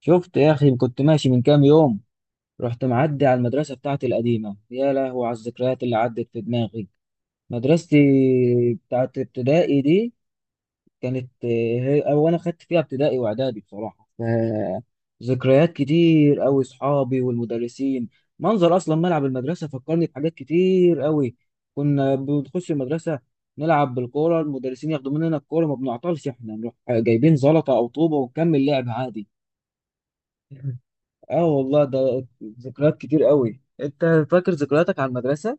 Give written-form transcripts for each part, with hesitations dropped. شفت يا أخي، كنت ماشي من كام يوم. رحت معدي على المدرسة بتاعتي القديمة. يا لهو على الذكريات اللي عدت في دماغي. مدرستي بتاعت ابتدائي دي كانت هي أو أنا خدت فيها ابتدائي وإعدادي بصراحة. ذكريات كتير أوي، صحابي والمدرسين. منظر أصلا ملعب المدرسة فكرني بحاجات كتير أوي. كنا بنخش المدرسة نلعب بالكورة، المدرسين ياخدوا مننا الكورة، ما بنعطلش، إحنا نروح جايبين زلطة أو طوبة ونكمل لعب عادي. اه والله، ده ذكريات كتير قوي. انت فاكر ذكرياتك على المدرسه؟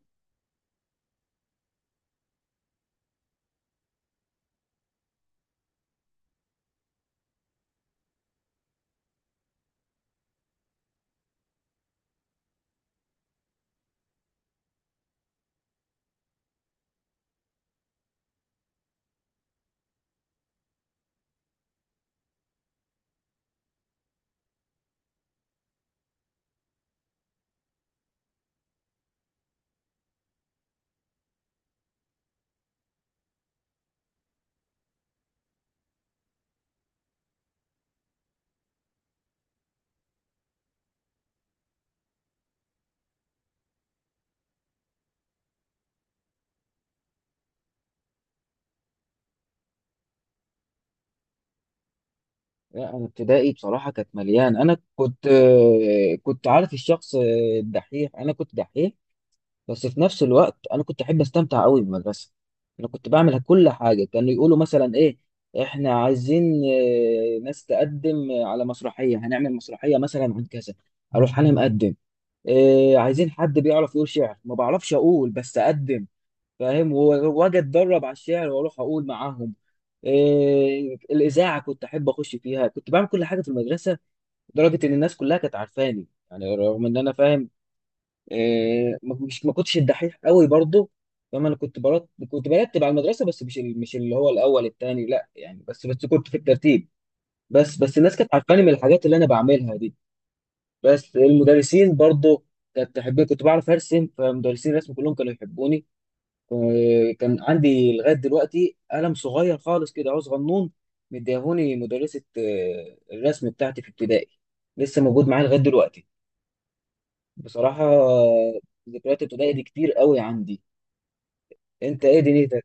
لا، انا ابتدائي بصراحه كانت مليان. انا كنت كنت عارف الشخص الدحيح، انا كنت دحيح. بس في نفس الوقت انا كنت احب استمتع قوي بالمدرسه. انا كنت بعمل كل حاجه. كانوا يقولوا مثلا ايه، احنا عايزين ناس تقدم على مسرحيه، هنعمل مسرحيه مثلا عن كذا، اروح انا مقدم. إيه، عايزين حد بيعرف يقول شعر، ما بعرفش اقول بس اقدم، فاهم. واجي اتدرب على الشعر واروح اقول معاهم. إيه، الاذاعه كنت احب اخش فيها، كنت بعمل كل حاجه في المدرسه، لدرجه ان الناس كلها كانت عارفاني. يعني رغم ان انا فاهم، إيه، مش ما كنتش الدحيح قوي برضه، فاهم. انا كنت برتب على المدرسه، بس مش مش اللي هو الاول التاني، لا يعني، بس بس كنت في الترتيب. بس بس الناس كانت عارفاني من الحاجات اللي انا بعملها دي. بس المدرسين برضه كانت تحبني، كنت بعرف ارسم فمدرسين الرسم كلهم كانوا يحبوني. كان عندي لغاية دلوقتي قلم صغير خالص كده، عاوز غنون، مديهوني مدرسة الرسم بتاعتي في ابتدائي. لسه موجود معايا لغاية دلوقتي، بصراحة ذكريات ابتدائي دي كتير قوي عندي. انت ايه دنيتك؟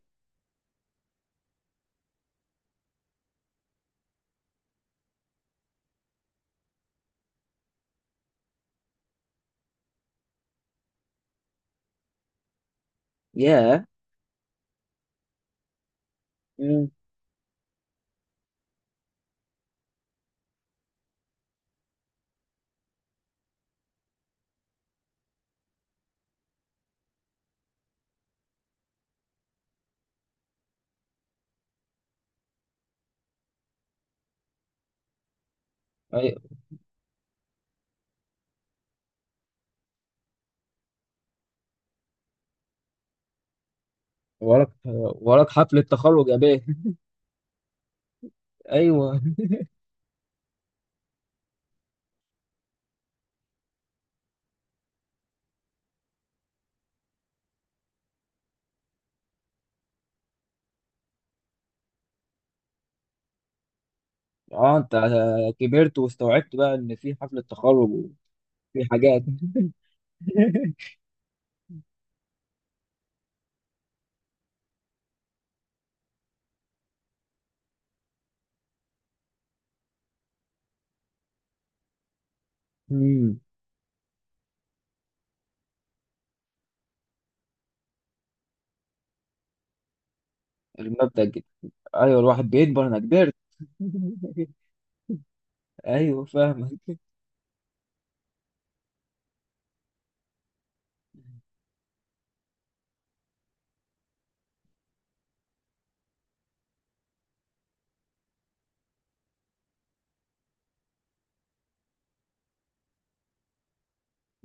ياه. مم. ايوه. وراك، وراك حفلة تخرج يا بيه. ايوه، اه انت كبرت واستوعبت بقى ان في حفلة تخرج وفي حاجات. مم. المبدأ الجديد. ايوه، الواحد بيكبر، انا كبرت. ايوه فاهمك.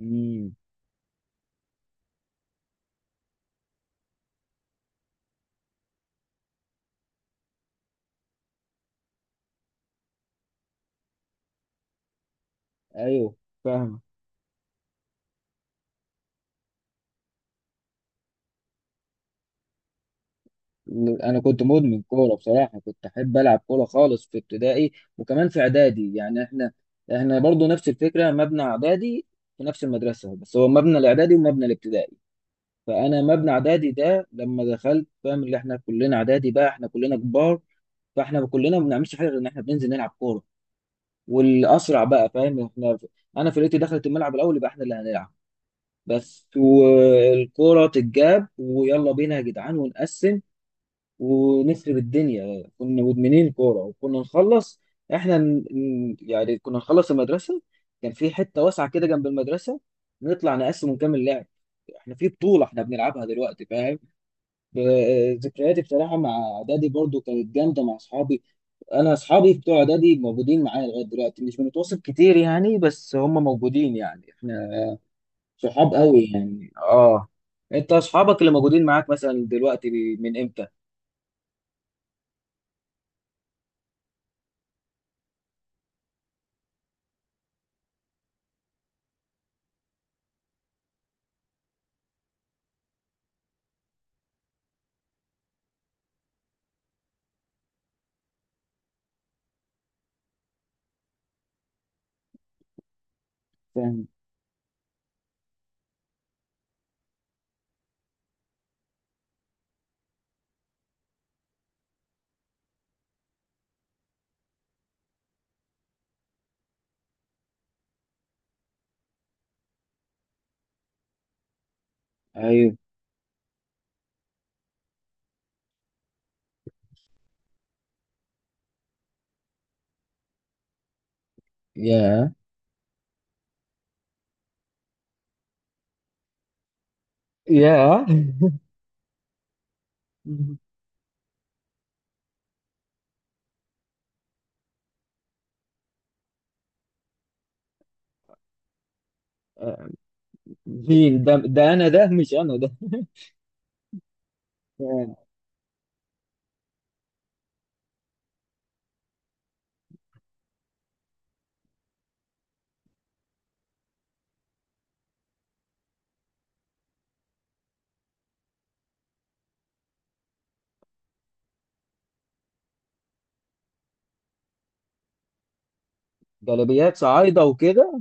امم. ايوه فاهمك. انا كنت مدمن كوره بصراحه، كنت احب العب كوره خالص في ابتدائي، وكمان في اعدادي. يعني احنا، احنا برضو نفس الفكره، مبنى اعدادي في نفس المدرسه، بس هو مبنى الاعدادي ومبنى الابتدائي. فانا مبنى اعدادي ده لما دخلت، فاهم، اللي احنا كلنا اعدادي بقى، احنا كلنا كبار. فاحنا كلنا ما بنعملش حاجه غير ان احنا بننزل نلعب كوره. والاسرع بقى، فاهم، احنا انا فرقتي دخلت الملعب الاول يبقى احنا اللي هنلعب، بس، والكورة تتجاب ويلا بينا يا جدعان، ونقسم ونخرب الدنيا. كنا مدمنين كورة. وكنا نخلص، احنا يعني كنا نخلص المدرسة، كان في حتة واسعة كده جنب المدرسة، نطلع نقسم ونكمل لعب، احنا في بطولة احنا بنلعبها دلوقتي، فاهم. ذكرياتي بصراحة مع اعدادي برضو كانت جامدة مع اصحابي. انا اصحابي بتوع اعدادي موجودين معايا لغاية دلوقتي، مش بنتواصل كتير يعني، بس هم موجودين، يعني احنا صحاب قوي يعني. اه، انت اصحابك اللي موجودين معاك مثلا دلوقتي من امتى؟ فاهم. ايوه. يا، يا. مين ده؟ ده انا؟ ده مش انا ده. فاهم. جلابيات صعايده وكده.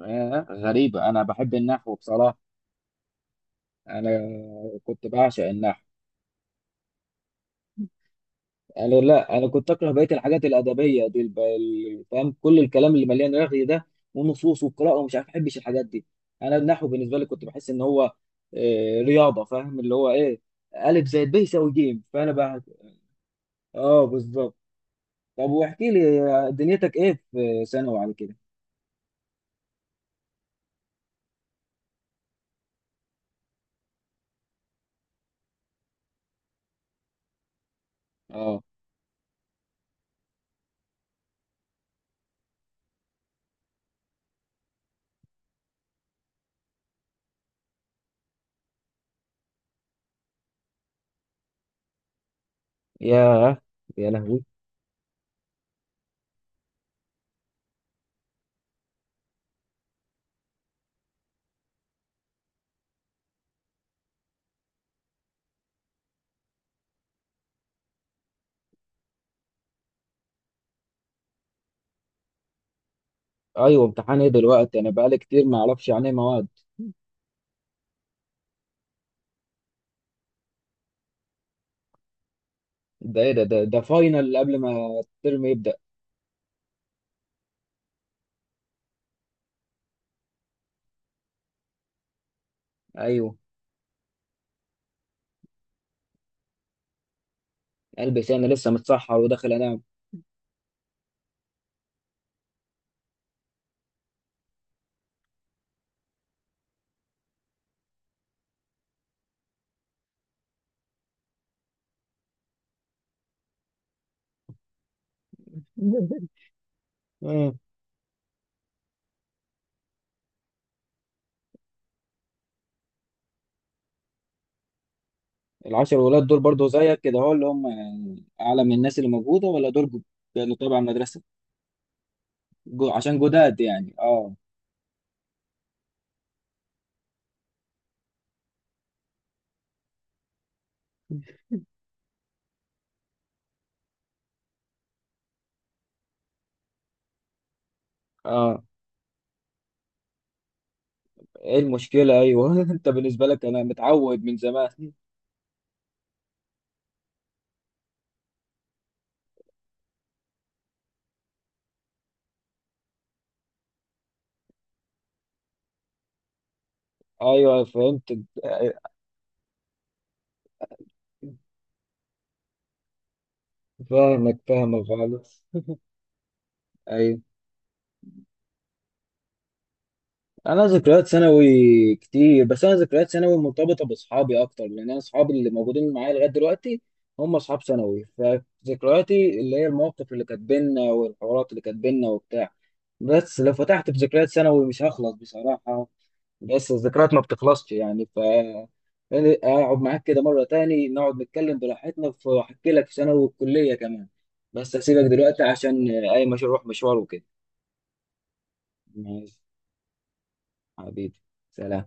غريبه، انا بحب النحو بصراحه. انا كنت بعشق النحو. لا انا كنت اكره بقيه الحاجات الادبيه دي، فاهم، كل الكلام اللي مليان رغي ده، ونصوص والقراءه ومش عارف، احبش الحاجات دي. انا النحو بالنسبه لي كنت بحس ان هو رياضه. فاهم اللي هو ايه، الف زائد ب يساوي جيم، فانا بقى. اه بالظبط. طب واحكي لي، دنيتك ايه في ثانوي على كده؟ اه. ياه. يا لهوي. ايوه، امتحان ايه دلوقتي؟ انا بقالي كتير ما اعرفش عن ايه مواد. ده ايه ده, فاينل قبل ما الترم يبدا؟ ايوه، قلبي انا لسه متسحر وداخل انام. مم. العشر ولاد دول برضو زيك كده، هو اللي هم يعني اعلى من الناس اللي موجوده، ولا كانوا تبع المدرسه؟ جو عشان جداد يعني. اه. اه، ايه المشكله؟ ايوه. انت بالنسبه لك انا متعود من زمان. ايوه فهمت. فاهمك فاهمك خالص. ايوه، انا ذكريات ثانوي كتير، بس انا ذكريات ثانوي مرتبطه باصحابي اكتر، لان انا اصحابي اللي موجودين معايا لغايه دلوقتي هم اصحاب ثانوي. فذكرياتي اللي هي المواقف اللي كانت بينا والحوارات اللي كانت بينا وبتاع. بس لو فتحت في ذكريات ثانوي مش هخلص بصراحه. بس الذكريات ما بتخلصش يعني. يعني اقعد معاك كده مره تاني، نقعد نتكلم براحتنا، واحكي لك في ثانوي والكليه كمان. بس هسيبك دلوقتي عشان اي مشروع مشوار وكده. ماشي. حبيبي. سلام.